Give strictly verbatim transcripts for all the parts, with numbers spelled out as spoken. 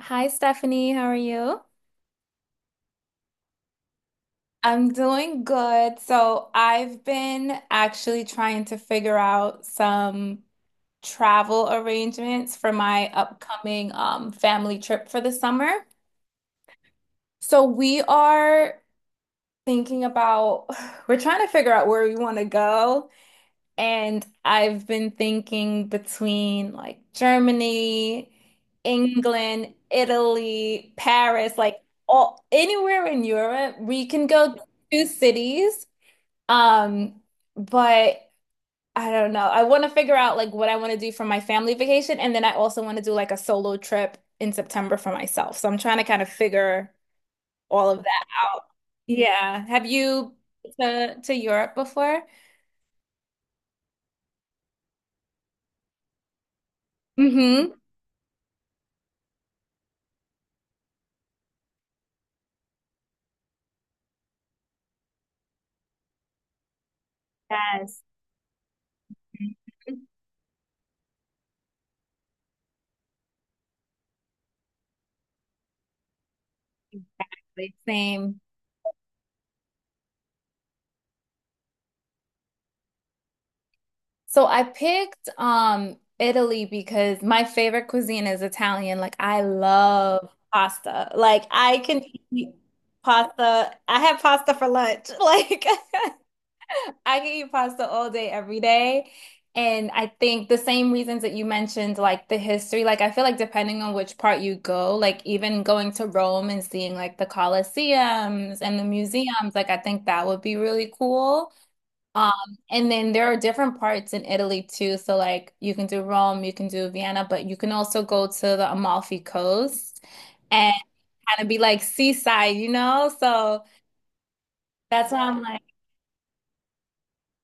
Hi, Stephanie. How are you? I'm doing good. So, I've been actually trying to figure out some travel arrangements for my upcoming um, family trip for the summer. So, we are thinking about, we're trying to figure out where we want to go. And I've been thinking between like Germany, England, Italy, Paris, like all anywhere in Europe, we can go to cities. Um, but I don't know. I want to figure out like what I want to do for my family vacation, and then I also want to do like a solo trip in September for myself. So I'm trying to kind of figure all of that out. Yeah. Have you been to to Europe before? Mm-hmm. Yes. Mm-hmm. Exactly. Same. So I picked um Italy because my favorite cuisine is Italian. Like I love pasta. Like I can eat pasta. I have pasta for lunch. Like I can eat pasta all day, every day. And I think the same reasons that you mentioned, like the history, like I feel like depending on which part you go, like even going to Rome and seeing like the Colosseums and the museums, like I think that would be really cool. Um, and then there are different parts in Italy too. So like you can do Rome, you can do Vienna, but you can also go to the Amalfi Coast and kind of be like seaside, you know? So that's why I'm like,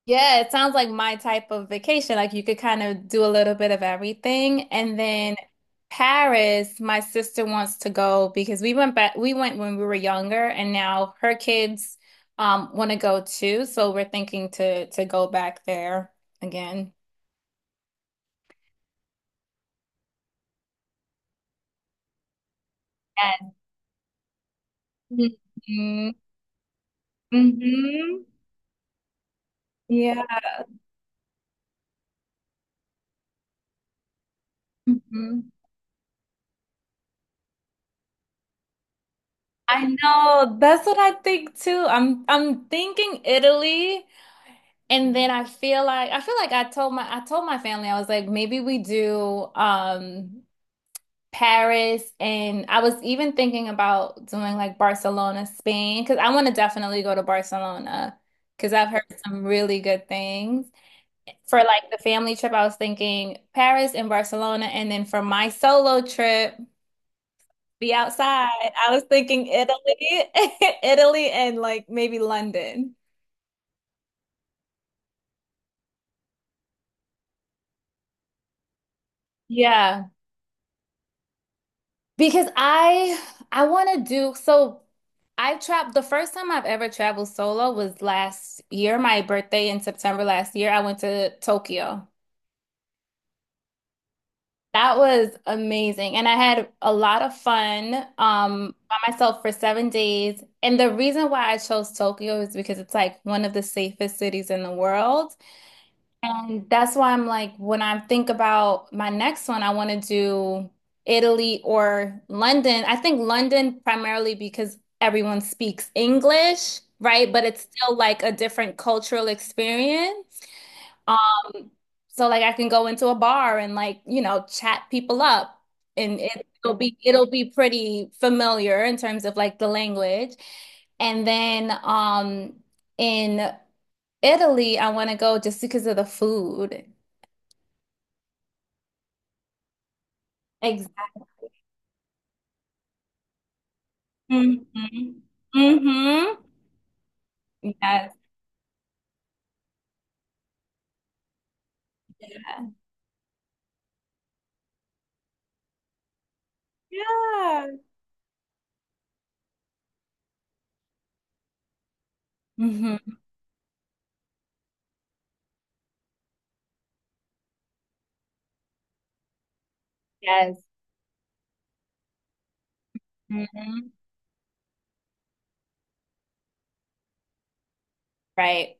yeah, it sounds like my type of vacation. Like you could kind of do a little bit of everything. And then Paris, my sister wants to go because we went back, we went when we were younger, and now her kids um want to go too. So we're thinking to to go back there again. Mm-hmm. Mm-hmm. Yeah. Hmm. I know. That's what I think too. I'm I'm thinking Italy, and then I feel like I feel like I told my I told my family I was like maybe we do um Paris, and I was even thinking about doing like Barcelona, Spain, because I want to definitely go to Barcelona because I've heard some really good things. For like the family trip, I was thinking Paris and Barcelona, and then for my solo trip. Be outside. I was thinking Italy, Italy and like maybe London. Yeah, because I I want to do so I traveled the first time I've ever traveled solo was last year, my birthday in September last year. I went to Tokyo. That was amazing and I had a lot of fun um by myself for seven days. And the reason why I chose Tokyo is because it's like one of the safest cities in the world. And that's why I'm like, when I think about my next one, I want to do Italy or London. I think London primarily because everyone speaks English, right? But it's still like a different cultural experience. Um, so like I can go into a bar and like, you know, chat people up and it, it'll be it'll be pretty familiar in terms of like the language. And then um in Italy, I want to go just because of the food. Exactly. Hmm. Hmm. Yes. Yeah. Yeah. Hmm. Yes. Hmm. Right.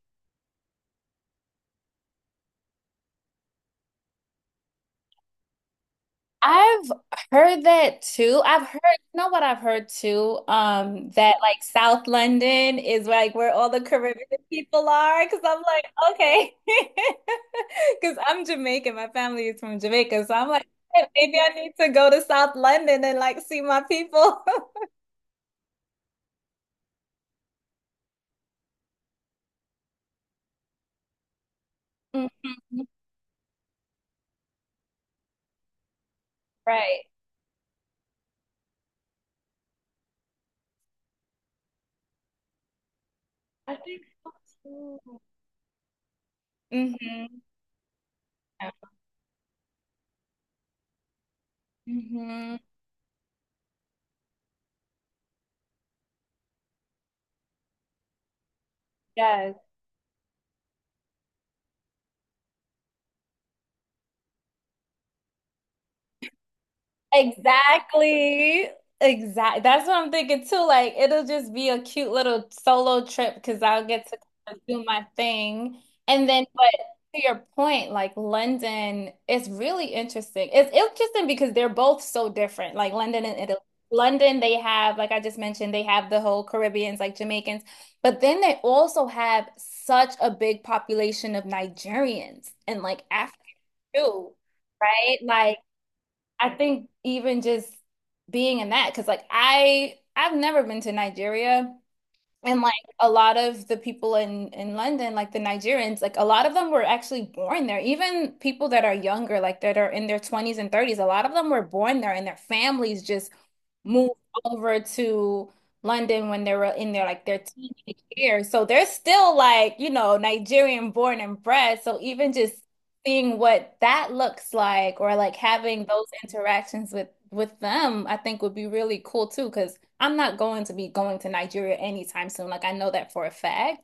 I've heard that too. I've heard, you know what I've heard too? Um, that like South London is like where all the Caribbean people are. Cause I'm like, okay. Cause I'm Jamaican. My family is from Jamaica. So I'm like, "Hey, maybe I need to go to South London and like see my people." Mhm. Right. I think so too. Hmm. Hmm. Yes, exactly. Exactly. That's what I'm thinking too. Like, it'll just be a cute little solo trip because I'll get to kinda do my thing. And then, but to your point, like London is really interesting. It's interesting because they're both so different. Like London and Italy. London, they have, like I just mentioned, they have the whole Caribbeans, like Jamaicans, but then they also have such a big population of Nigerians and like Africa too. Right? Like, I think even just being in that, because like I I've never been to Nigeria, and like a lot of the people in in London, like the Nigerians, like a lot of them were actually born there. Even people that are younger, like that are in their twenties and thirties, a lot of them were born there and their families just moved over to London when they were in their like their teenage years. So they're still like, you know, Nigerian born and bred. So even just seeing what that looks like or like having those interactions with with them, I think would be really cool too, because I'm not going to be going to Nigeria anytime soon. Like I know that for a fact.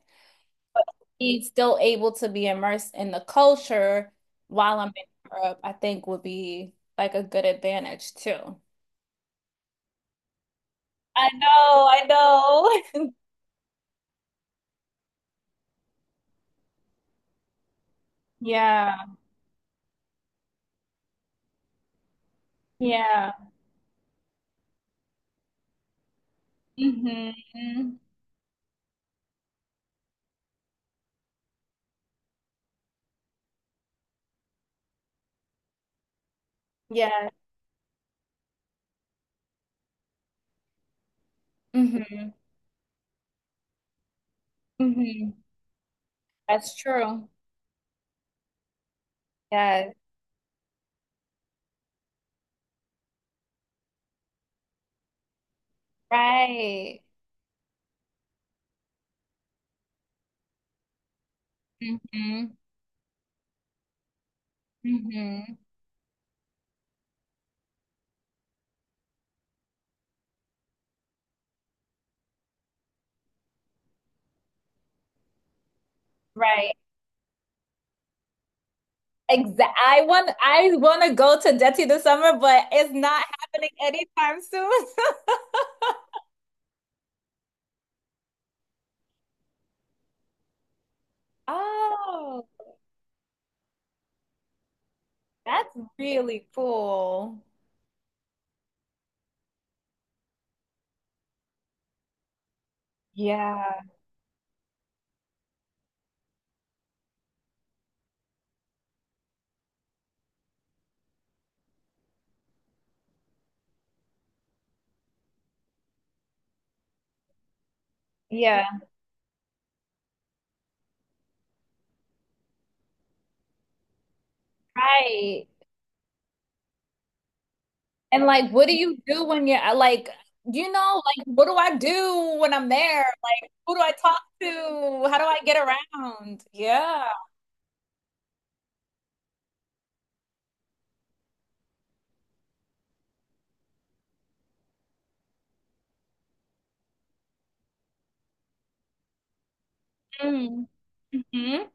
Be still able to be immersed in the culture while I'm in Europe, I think would be like a good advantage too. I know, I know. Yeah. Yeah. Mm-hmm. Yeah. Mm-hmm. Mm-hmm. That's true. Yes. Right. Mm-hmm. Mm-hmm. Right. Exactly. I want I want to go to Jetty this summer, but it's not happening anytime soon. Oh, that's really cool. Yeah. Yeah. Right. And like, what do you do when you're uh, like, you know, like, what do I do when I'm there? Like, who do I talk to? How do I get around? Yeah. Mm. Hmm.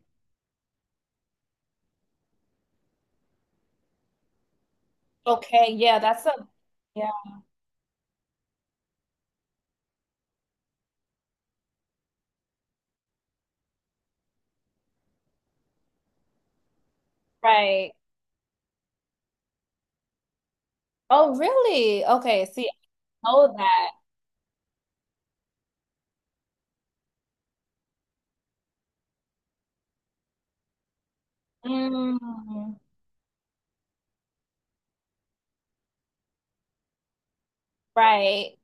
Okay. Yeah. That's a, yeah. Right. Oh, really? Okay. See, I know that. Mm, right.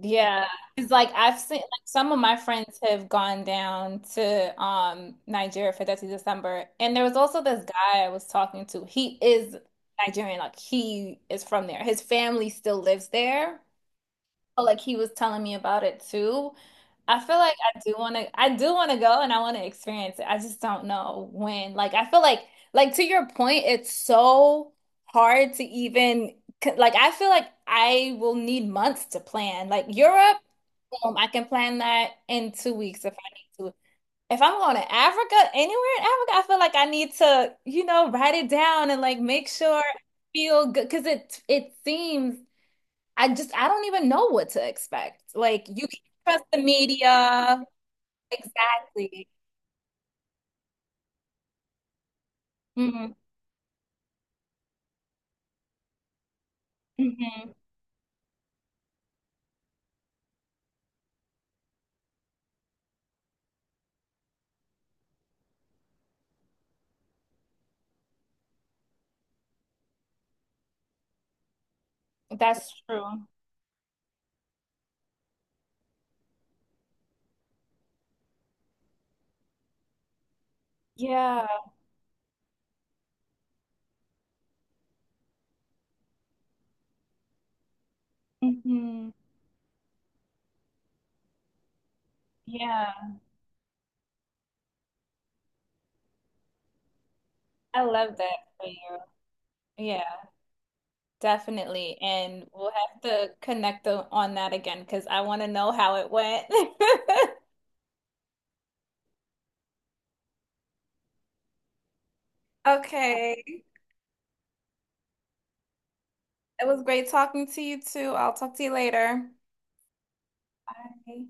Yeah. It's like I've seen like some of my friends have gone down to um Nigeria for thirty December. And there was also this guy I was talking to. He is Nigerian, like he is from there. His family still lives there. Felt like he was telling me about it too. I feel like I do want to I do want to go and I want to experience it. I just don't know when. Like I feel like like to your point, it's so hard to even like I feel like I will need months to plan. Like Europe, um, I can plan that in two weeks if I need to. If I'm going to Africa, anywhere in Africa, I feel like I need to, you know, write it down and like make sure I feel good because it it seems I just I don't even know what to expect. Like you can trust the media. Exactly. Hmm. Hmm. That's true. Yeah. Hmm. Yeah. I love that for you. Yeah, definitely. And we'll have to connect the, on that again because I want to know how it went. Okay. It was great talking to you too. I'll talk to you later. Bye.